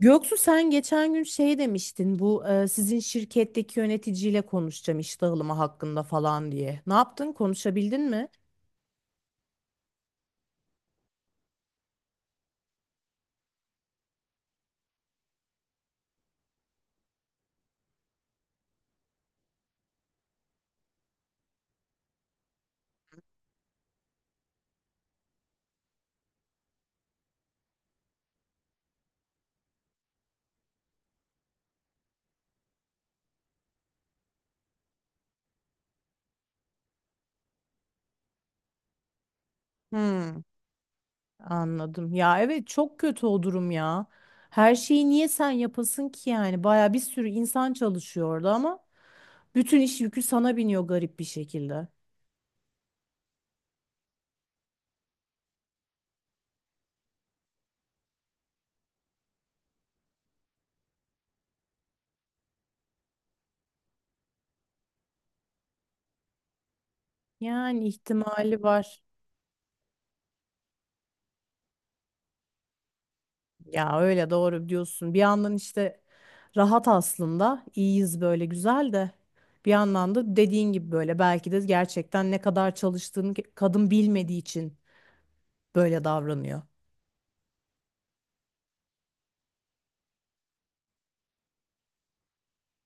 Göksu sen geçen gün şey demiştin bu sizin şirketteki yöneticiyle konuşacağım iş dağılımı hakkında falan diye. Ne yaptın? Konuşabildin mi? Hmm, anladım. Ya evet, çok kötü o durum ya. Her şeyi niye sen yapasın ki yani? Baya bir sürü insan çalışıyor orada ama bütün iş yükü sana biniyor garip bir şekilde. Yani ihtimali var. Ya öyle, doğru diyorsun. Bir yandan işte rahat aslında. İyiyiz böyle, güzel de. Bir yandan da dediğin gibi böyle belki de gerçekten ne kadar çalıştığını kadın bilmediği için böyle davranıyor.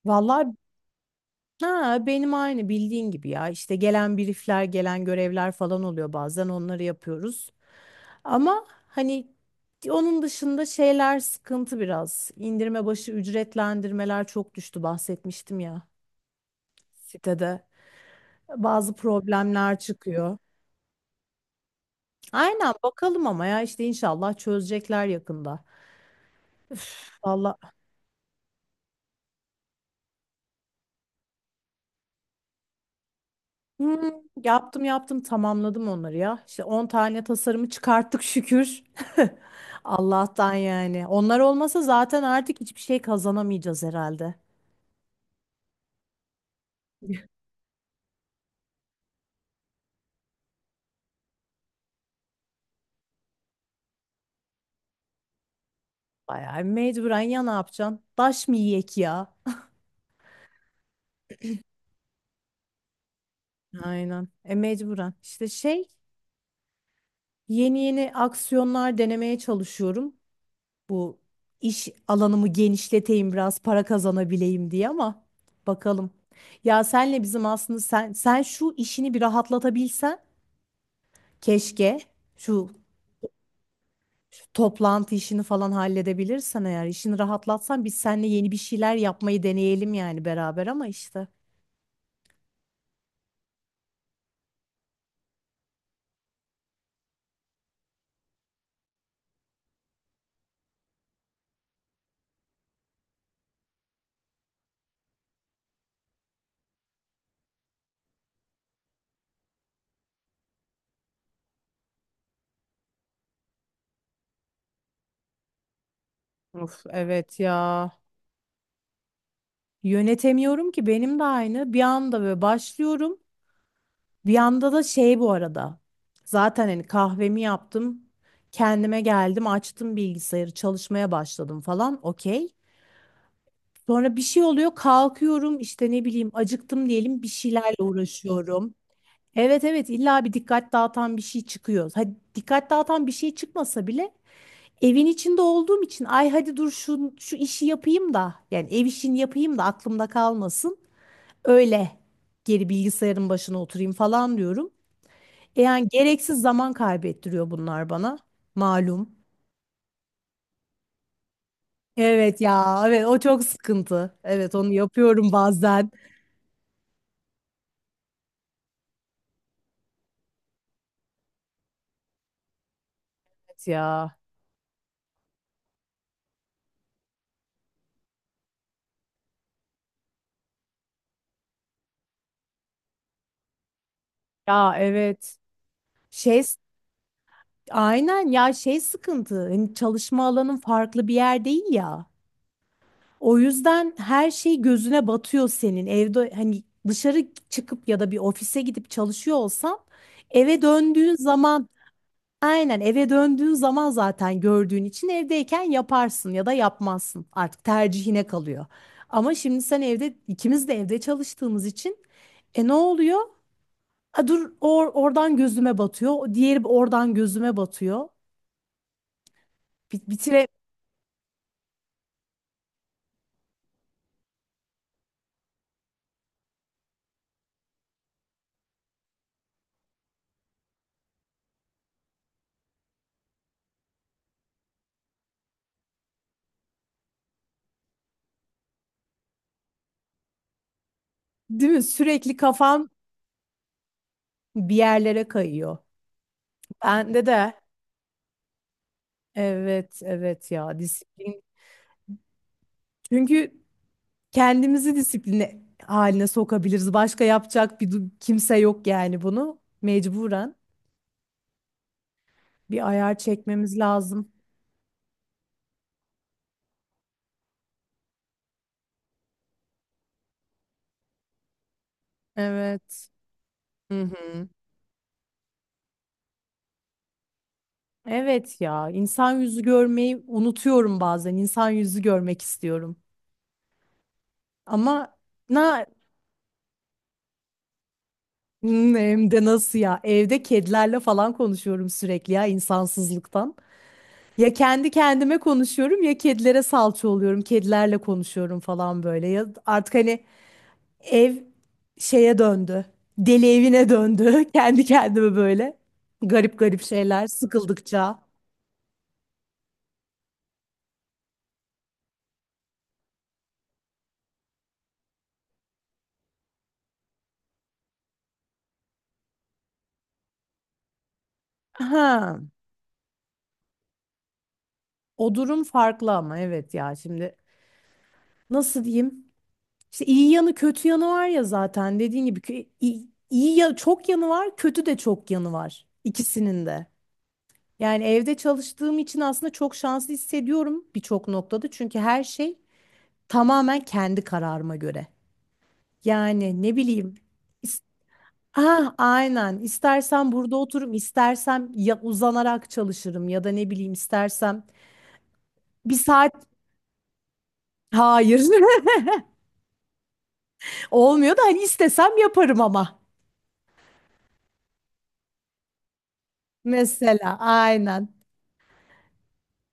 Vallahi ha, benim aynı bildiğin gibi ya. İşte gelen briefler, gelen görevler falan oluyor, bazen onları yapıyoruz. Ama hani onun dışında şeyler sıkıntı biraz. İndirme başı ücretlendirmeler çok düştü, bahsetmiştim ya sitede. Bazı problemler çıkıyor. Aynen, bakalım ama ya işte inşallah çözecekler yakında. Vallahi. Hmm, yaptım tamamladım onları ya. İşte 10 tane tasarımı çıkarttık şükür. Allah'tan yani. Onlar olmasa zaten artık hiçbir şey kazanamayacağız herhalde. Bayağı mecburen, ya ne yapacaksın? Taş mı yiyek ya? Aynen. E mecburen. İşte şey, yeni yeni aksiyonlar denemeye çalışıyorum. Bu iş alanımı genişleteyim, biraz para kazanabileyim diye ama bakalım. Ya senle bizim aslında sen şu işini bir rahatlatabilsen keşke şu, şu toplantı işini falan halledebilirsen, eğer işini rahatlatsan biz seninle yeni bir şeyler yapmayı deneyelim yani beraber ama işte. Of, evet ya. Yönetemiyorum ki, benim de aynı. Bir anda böyle başlıyorum. Bir yanda da şey bu arada. Zaten hani kahvemi yaptım. Kendime geldim, açtım bilgisayarı, çalışmaya başladım falan. Okey. Sonra bir şey oluyor, kalkıyorum işte ne bileyim acıktım diyelim, bir şeylerle uğraşıyorum. Evet evet, illa bir dikkat dağıtan bir şey çıkıyor. Hadi dikkat dağıtan bir şey çıkmasa bile evin içinde olduğum için, ay hadi dur şu işi yapayım da yani ev işini yapayım da aklımda kalmasın. Öyle geri bilgisayarın başına oturayım falan diyorum. Yani gereksiz zaman kaybettiriyor bunlar bana. Malum. Evet ya, evet o çok sıkıntı. Evet, onu yapıyorum bazen. Evet ya. Ya evet. Şey, aynen ya, şey sıkıntı. Hani çalışma alanın farklı bir yer değil ya. O yüzden her şey gözüne batıyor senin. Evde hani dışarı çıkıp ya da bir ofise gidip çalışıyor olsan eve döndüğün zaman, aynen, eve döndüğün zaman zaten gördüğün için evdeyken yaparsın ya da yapmazsın. Artık tercihine kalıyor. Ama şimdi sen evde, ikimiz de evde çalıştığımız için e ne oluyor? A, dur oradan gözüme batıyor. O diğeri oradan gözüme batıyor. Bitire, değil mi? Sürekli kafam bir yerlere kayıyor. Bende de. Evet, evet ya, disiplin. Çünkü kendimizi disipline haline sokabiliriz. Başka yapacak kimse yok yani bunu. Mecburen bir ayar çekmemiz lazım. Evet. Hı hı. Evet ya, insan yüzü görmeyi unutuyorum bazen. İnsan yüzü görmek istiyorum. Ama na Hmm, hem de nasıl ya? Evde kedilerle falan konuşuyorum sürekli ya, insansızlıktan. Ya kendi kendime konuşuyorum ya kedilere salça oluyorum. Kedilerle konuşuyorum falan böyle. Ya artık hani ev şeye döndü. Deli evine döndü. Kendi kendime böyle. Garip garip şeyler sıkıldıkça. Ha, o durum farklı ama evet ya, şimdi nasıl diyeyim? İşte iyi yanı kötü yanı var ya, zaten dediğin gibi iyi, iyi ya, çok yanı var, kötü de çok yanı var ikisinin de. Yani evde çalıştığım için aslında çok şanslı hissediyorum birçok noktada. Çünkü her şey tamamen kendi kararıma göre. Yani ne bileyim. is- Ah, aynen. İstersem burada otururum, istersem ya uzanarak çalışırım ya da ne bileyim istersem bir saat, hayır. Olmuyor da hani istesem yaparım ama. Mesela aynen.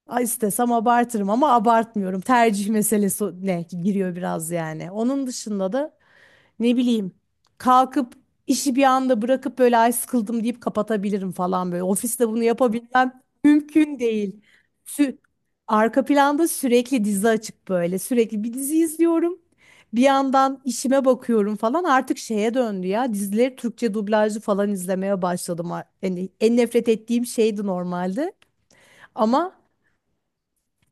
Ay, İstesem abartırım ama abartmıyorum. Tercih meselesi ne giriyor biraz yani. Onun dışında da ne bileyim kalkıp işi bir anda bırakıp böyle ay sıkıldım deyip kapatabilirim falan böyle. Ofiste bunu yapabilmem mümkün değil. Sü- Arka planda sürekli dizi açık böyle. Sürekli bir dizi izliyorum. Bir yandan işime bakıyorum falan, artık şeye döndü ya. Dizileri Türkçe dublajlı falan izlemeye başladım. Yani en nefret ettiğim şeydi normalde. Ama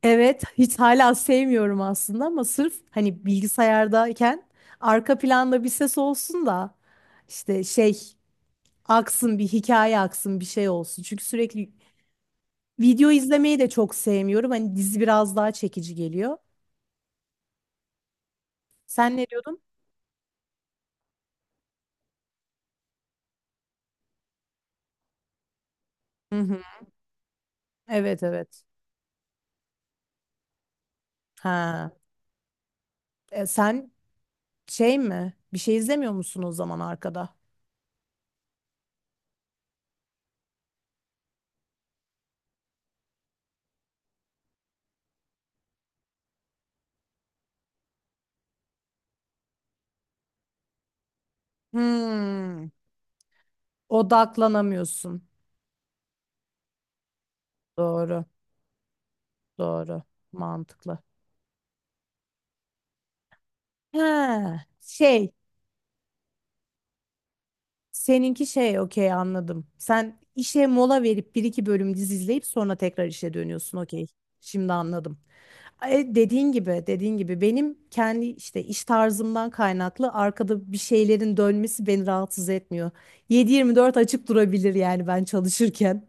evet, hiç hala sevmiyorum aslında ama sırf hani bilgisayardayken arka planda bir ses olsun da işte şey aksın, bir hikaye aksın, bir şey olsun. Çünkü sürekli video izlemeyi de çok sevmiyorum. Hani dizi biraz daha çekici geliyor. Sen ne diyordun? Hı hı. Evet evet. Ha. E, sen şey mi? Bir şey izlemiyor musun o zaman arkada? Hmm. Odaklanamıyorsun. Doğru. Doğru. Mantıklı. Ha, şey. Seninki şey, okey, anladım. Sen işe mola verip bir iki bölüm dizi izleyip sonra tekrar işe dönüyorsun, okey. Şimdi anladım. E, dediğin gibi benim kendi işte iş tarzımdan kaynaklı arkada bir şeylerin dönmesi beni rahatsız etmiyor. 7/24 açık durabilir yani ben çalışırken.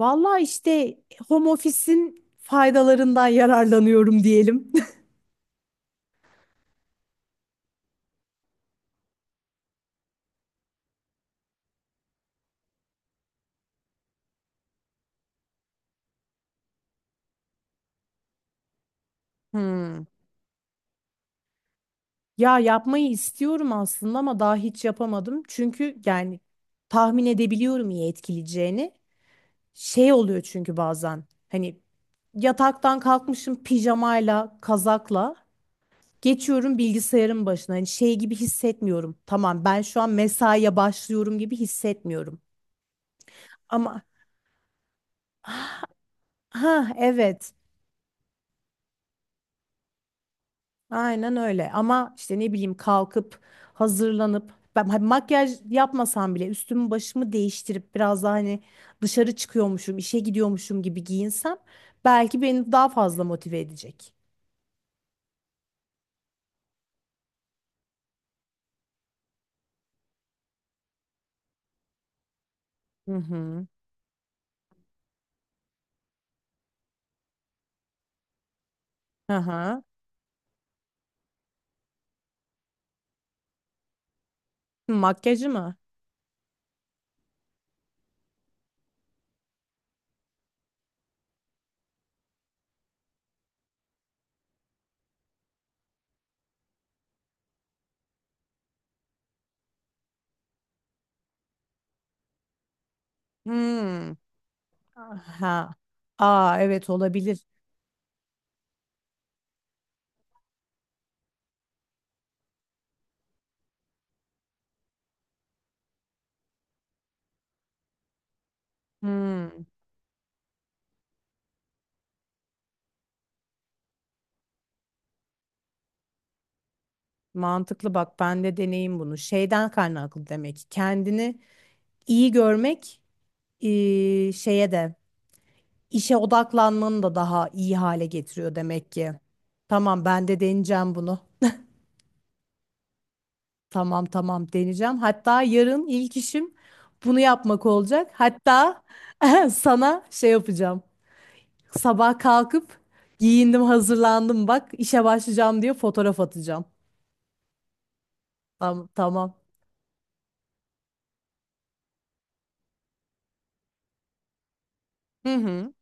Vallahi işte home office'in faydalarından yararlanıyorum diyelim. Hmm. Ya yapmayı istiyorum aslında ama daha hiç yapamadım. Çünkü yani tahmin edebiliyorum iyi etkileyeceğini. Şey oluyor çünkü bazen hani yataktan kalkmışım pijamayla, kazakla. Geçiyorum bilgisayarın başına. Hani şey gibi hissetmiyorum. Tamam ben şu an mesaiye başlıyorum gibi hissetmiyorum. Ama ha, evet, aynen öyle. Ama işte ne bileyim kalkıp hazırlanıp ben hani makyaj yapmasam bile üstümü başımı değiştirip biraz daha hani dışarı çıkıyormuşum, işe gidiyormuşum gibi giyinsem belki beni daha fazla motive edecek. Hı hı. Aha. Makyajı mı? Hmm. Ha. Aa, evet olabilir. Hmm. Mantıklı, bak ben de deneyim bunu. Şeyden kaynaklı demek ki, kendini iyi görmek şeye de, işe odaklanmanı da daha iyi hale getiriyor demek ki. Tamam, ben de deneyeceğim bunu. Tamam tamam deneyeceğim. Hatta yarın ilk işim bunu yapmak olacak. Hatta sana şey yapacağım. Sabah kalkıp giyindim, hazırlandım, bak işe başlayacağım diye fotoğraf atacağım. Tamam tamam. Hı hı.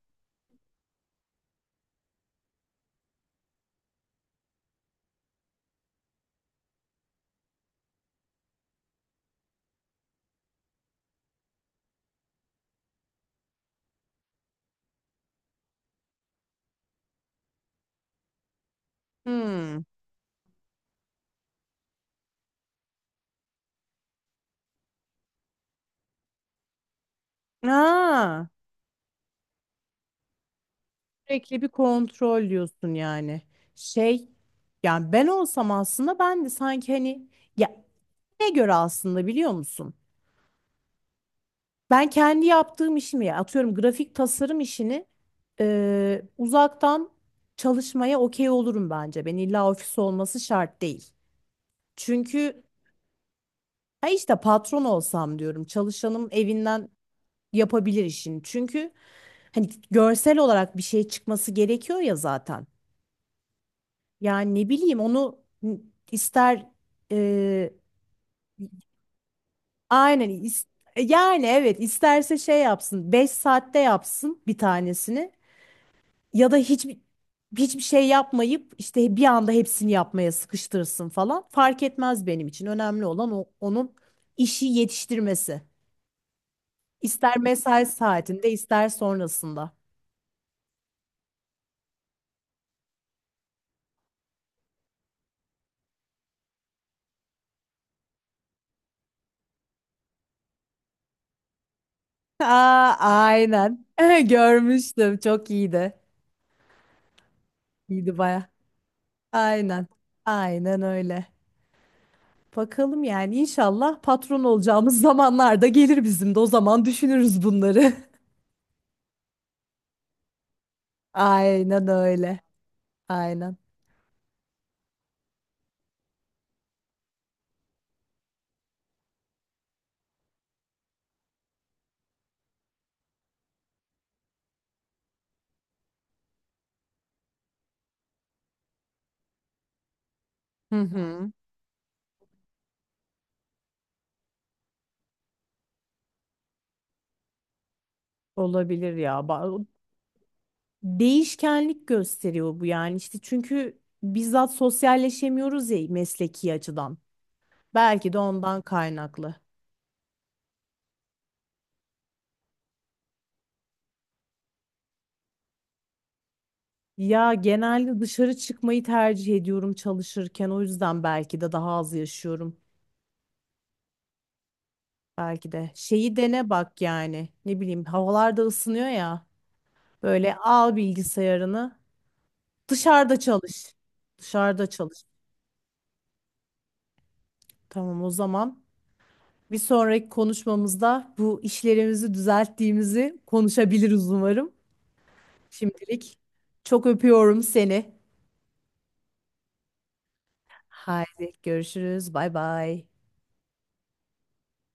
Hı. Aa. Sürekli bir kontrol diyorsun yani. Şey, yani ben olsam aslında ben de sanki hani ya, ne göre aslında, biliyor musun? Ben kendi yaptığım işimi, ya atıyorum grafik tasarım işini, uzaktan çalışmaya okey olurum bence. Ben illa ofis olması şart değil. Çünkü ha, işte patron olsam diyorum, çalışanım evinden yapabilir işini. Çünkü hani görsel olarak bir şey çıkması gerekiyor ya zaten. Yani ne bileyim, onu ister e, aynen, yani evet isterse şey yapsın, 5 saatte yapsın bir tanesini ya da hiçbir şey yapmayıp işte bir anda hepsini yapmaya sıkıştırsın falan, fark etmez benim için, önemli olan o, onun işi yetiştirmesi, ister mesai saatinde ister sonrasında. Aa, aynen görmüştüm, çok iyiydi, iyiydi baya, aynen aynen öyle. Bakalım yani, inşallah patron olacağımız zamanlarda gelir, bizim de o zaman düşünürüz bunları. Aynen öyle. Aynen. Hı hı. Olabilir ya. Değişkenlik gösteriyor bu yani, işte çünkü bizzat sosyalleşemiyoruz ya mesleki açıdan. Belki de ondan kaynaklı. Ya genelde dışarı çıkmayı tercih ediyorum çalışırken. O yüzden belki de daha az yaşıyorum. Belki de. Şeyi dene bak yani. Ne bileyim havalar da ısınıyor ya. Böyle al bilgisayarını. Dışarıda çalış. Dışarıda çalış. Tamam o zaman. Bir sonraki konuşmamızda bu işlerimizi düzelttiğimizi konuşabiliriz umarım. Şimdilik çok öpüyorum seni. Haydi görüşürüz. Bay bay.